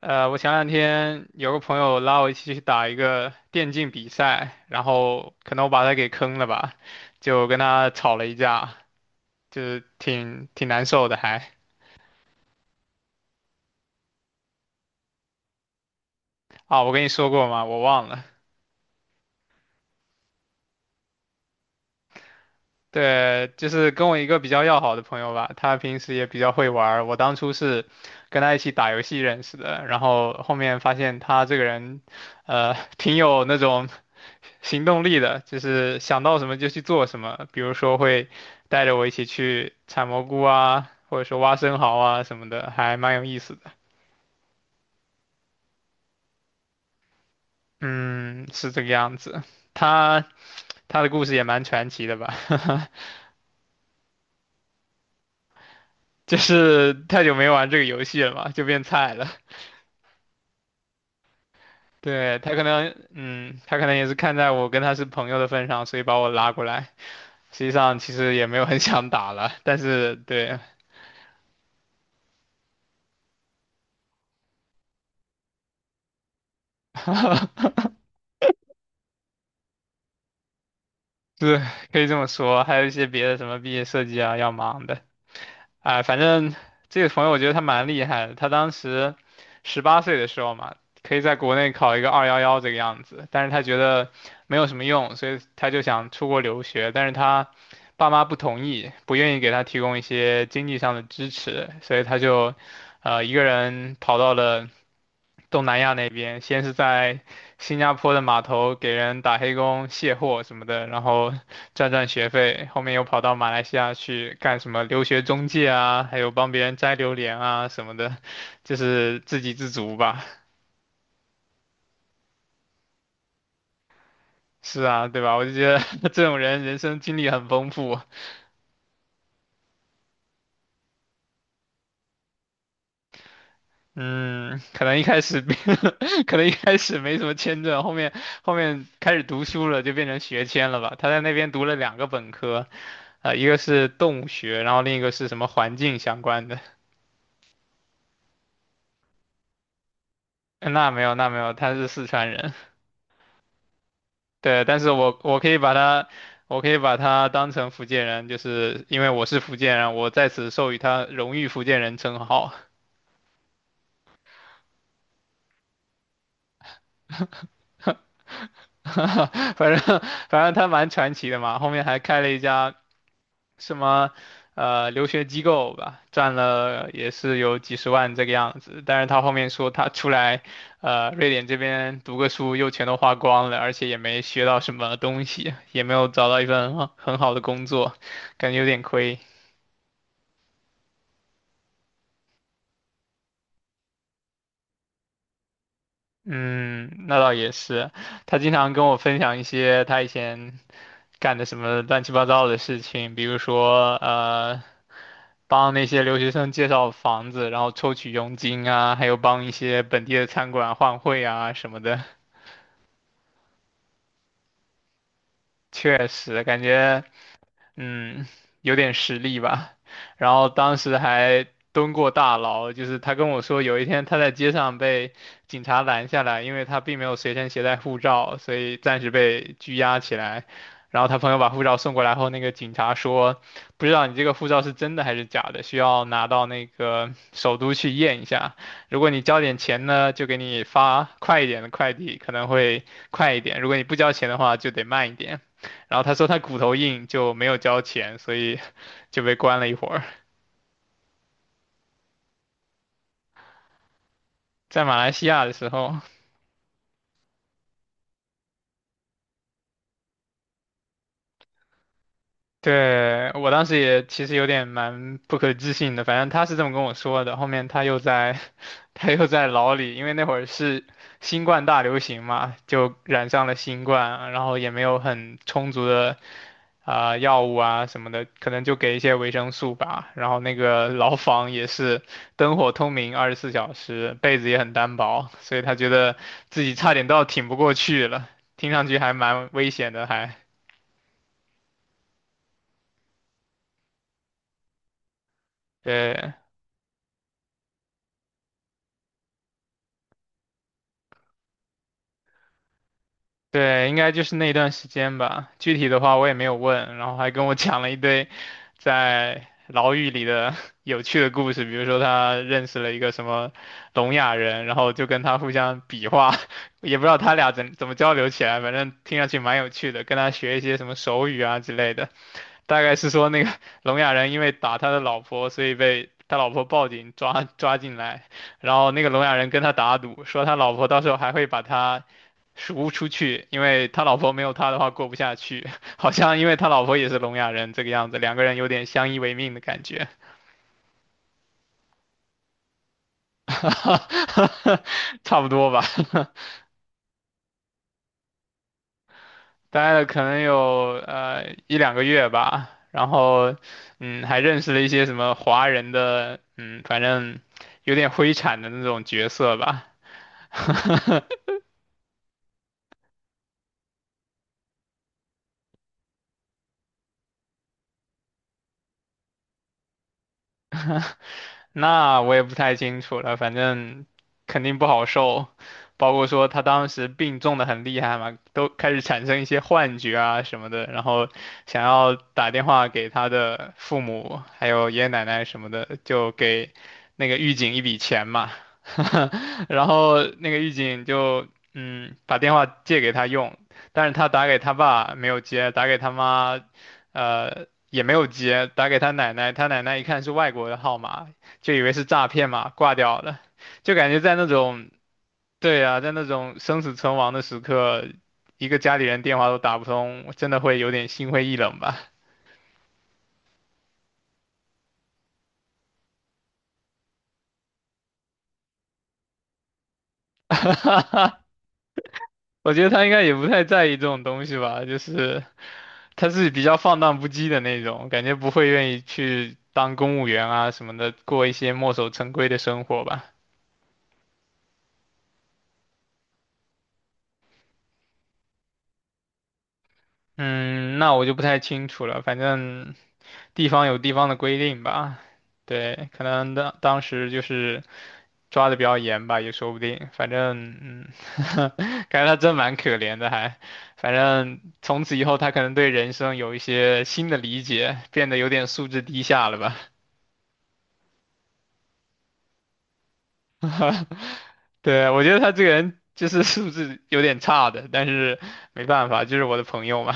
我前两天有个朋友拉我一起去打一个电竞比赛，然后可能我把他给坑了吧，就跟他吵了一架，就是挺难受的还。啊，我跟你说过吗？我忘了。对，就是跟我一个比较要好的朋友吧，他平时也比较会玩儿，我当初是跟他一起打游戏认识的，然后后面发现他这个人，挺有那种行动力的，就是想到什么就去做什么。比如说会带着我一起去采蘑菇啊，或者说挖生蚝啊什么的，还蛮有意思的。嗯，是这个样子。他他的故事也蛮传奇的吧，就是太久没玩这个游戏了嘛，就变菜了。对，他可能，嗯，他可能也是看在我跟他是朋友的份上，所以把我拉过来。实际上其实也没有很想打了，但是对，对，可以这么说，还有一些别的什么毕业设计啊要忙的，哎，反正这个朋友我觉得他蛮厉害的，他当时18岁的时候嘛，可以在国内考一个211这个样子，但是他觉得没有什么用，所以他就想出国留学，但是他爸妈不同意，不愿意给他提供一些经济上的支持，所以他就一个人跑到了东南亚那边，先是在新加坡的码头给人打黑工、卸货什么的，然后赚学费，后面又跑到马来西亚去干什么留学中介啊，还有帮别人摘榴莲啊什么的，就是自给自足吧。是啊，对吧？我就觉得 这种人人生经历很丰富。嗯，可能一开始 可能一开始没什么签证，后面开始读书了，就变成学签了吧。他在那边读了两个本科，一个是动物学，然后另一个是什么环境相关的。那没有，那没有，他是四川人。对，但是我可以把他，我可以把他当成福建人，就是因为我是福建人，我在此授予他荣誉福建人称号。反正他蛮传奇的嘛，后面还开了一家什么留学机构吧，赚了也是有几十万这个样子。但是他后面说他出来，瑞典这边读个书又全都花光了，而且也没学到什么东西，也没有找到一份很好的工作，感觉有点亏。嗯，那倒也是。他经常跟我分享一些他以前干的什么乱七八糟的事情，比如说帮那些留学生介绍房子，然后抽取佣金啊，还有帮一些本地的餐馆换汇啊什么的。确实，感觉。嗯，有点实力吧。然后当时还蹲过大牢，就是他跟我说，有一天他在街上被警察拦下来，因为他并没有随身携带护照，所以暂时被拘押起来。然后他朋友把护照送过来后，那个警察说，不知道你这个护照是真的还是假的，需要拿到那个首都去验一下。如果你交点钱呢，就给你发快一点的快递，可能会快一点；如果你不交钱的话，就得慢一点。然后他说他骨头硬，就没有交钱，所以 就被关了一会儿。在马来西亚的时候，对，我当时也其实有点蛮不可置信的，反正他是这么跟我说的。后面他又在牢里，因为那会儿是新冠大流行嘛，就染上了新冠，然后也没有很充足的啊、药物啊什么的，可能就给一些维生素吧。然后那个牢房也是灯火通明，24小时，被子也很单薄，所以他觉得自己差点都要挺不过去了，听上去还蛮危险的，还对。对，应该就是那段时间吧。具体的话我也没有问，然后还跟我讲了一堆在牢狱里的 有趣的故事，比如说他认识了一个什么聋哑人，然后就跟他互相比划，也不知道他俩怎么交流起来，反正听上去蛮有趣的，跟他学一些什么手语啊之类的。大概是说那个 聋哑人因为打他的老婆，所以被他老婆报警抓进来，然后那个聋哑人跟他打赌，说他老婆到时候还会把他赎出去，因为他老婆没有他的话过不下去，好像因为他老婆也是聋哑人这个样子，两个人有点相依为命的感觉，差不多吧，待了可能有1两个月吧，然后嗯还认识了一些什么华人的嗯反正有点灰产的那种角色吧。那我也不太清楚了，反正肯定不好受，包括说他当时病重的很厉害嘛，都开始产生一些幻觉啊什么的，然后想要打电话给他的父母，还有爷爷奶奶什么的，就给那个狱警一笔钱嘛，然后那个狱警就嗯把电话借给他用，但是他打给他爸没有接，打给他妈，也没有接，打给他奶奶，他奶奶一看是外国的号码，就以为是诈骗嘛，挂掉了。就感觉在那种，对啊，在那种生死存亡的时刻，一个家里人电话都打不通，我真的会有点心灰意冷吧。我觉得他应该也不太在意这种东西吧，就是他是比较放荡不羁的那种，感觉不会愿意去当公务员啊什么的，过一些墨守成规的生活吧。嗯，那我就不太清楚了，反正地方有地方的规定吧。对，可能当时就是抓的比较严吧，也说不定。反正，嗯，感觉他真蛮可怜的还，反正从此以后，他可能对人生有一些新的理解，变得有点素质低下了吧？对，我觉得他这个人就是素质有点差的，但是没办法，就是我的朋友嘛。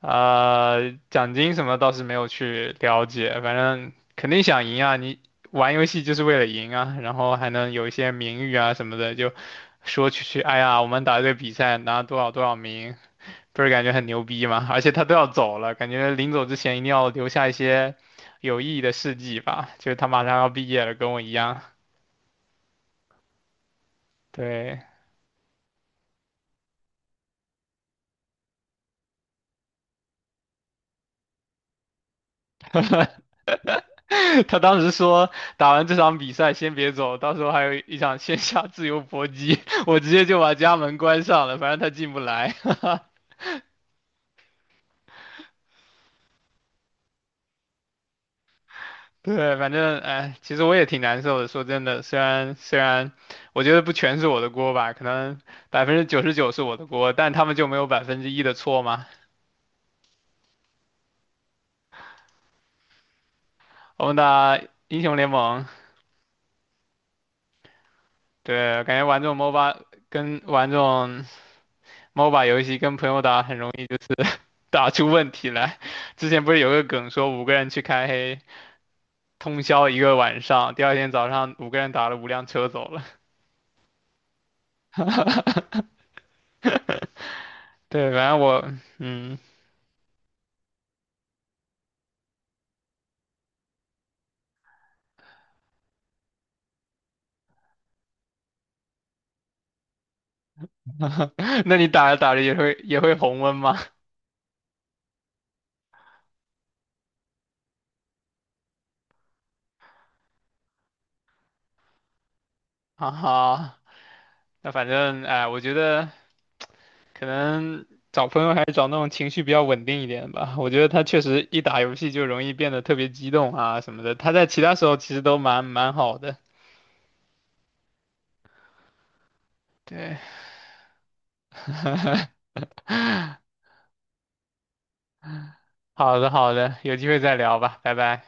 奖金什么倒是没有去了解，反正肯定想赢啊！你玩游戏就是为了赢啊，然后还能有一些名誉啊什么的，就说去，哎呀，我们打这个比赛拿多少多少名，不是感觉很牛逼吗？而且他都要走了，感觉临走之前一定要留下一些有意义的事迹吧，就是他马上要毕业了，跟我一样，对。他当时说打完这场比赛先别走，到时候还有一场线下自由搏击，我直接就把家门关上了，反正他进不来。对，反正哎，其实我也挺难受的。说真的，虽然我觉得不全是我的锅吧，可能99%是我的锅，但他们就没有1%的错嘛。我们打英雄联盟，对，感觉玩这种 MOBA 跟玩这种 MOBA 游戏跟朋友打很容易就是 打出问题来。之前不是有个梗说五个人去开黑。通宵一个晚上，第2天早上五个人打了5辆车走了。对，反正我，嗯，那你打着打着也会红温吗？哈哈，那反正哎，我觉得可能找朋友还是找那种情绪比较稳定一点吧。我觉得他确实一打游戏就容易变得特别激动啊什么的，他在其他时候其实都蛮好的。对，好的好的，有机会再聊吧，拜拜。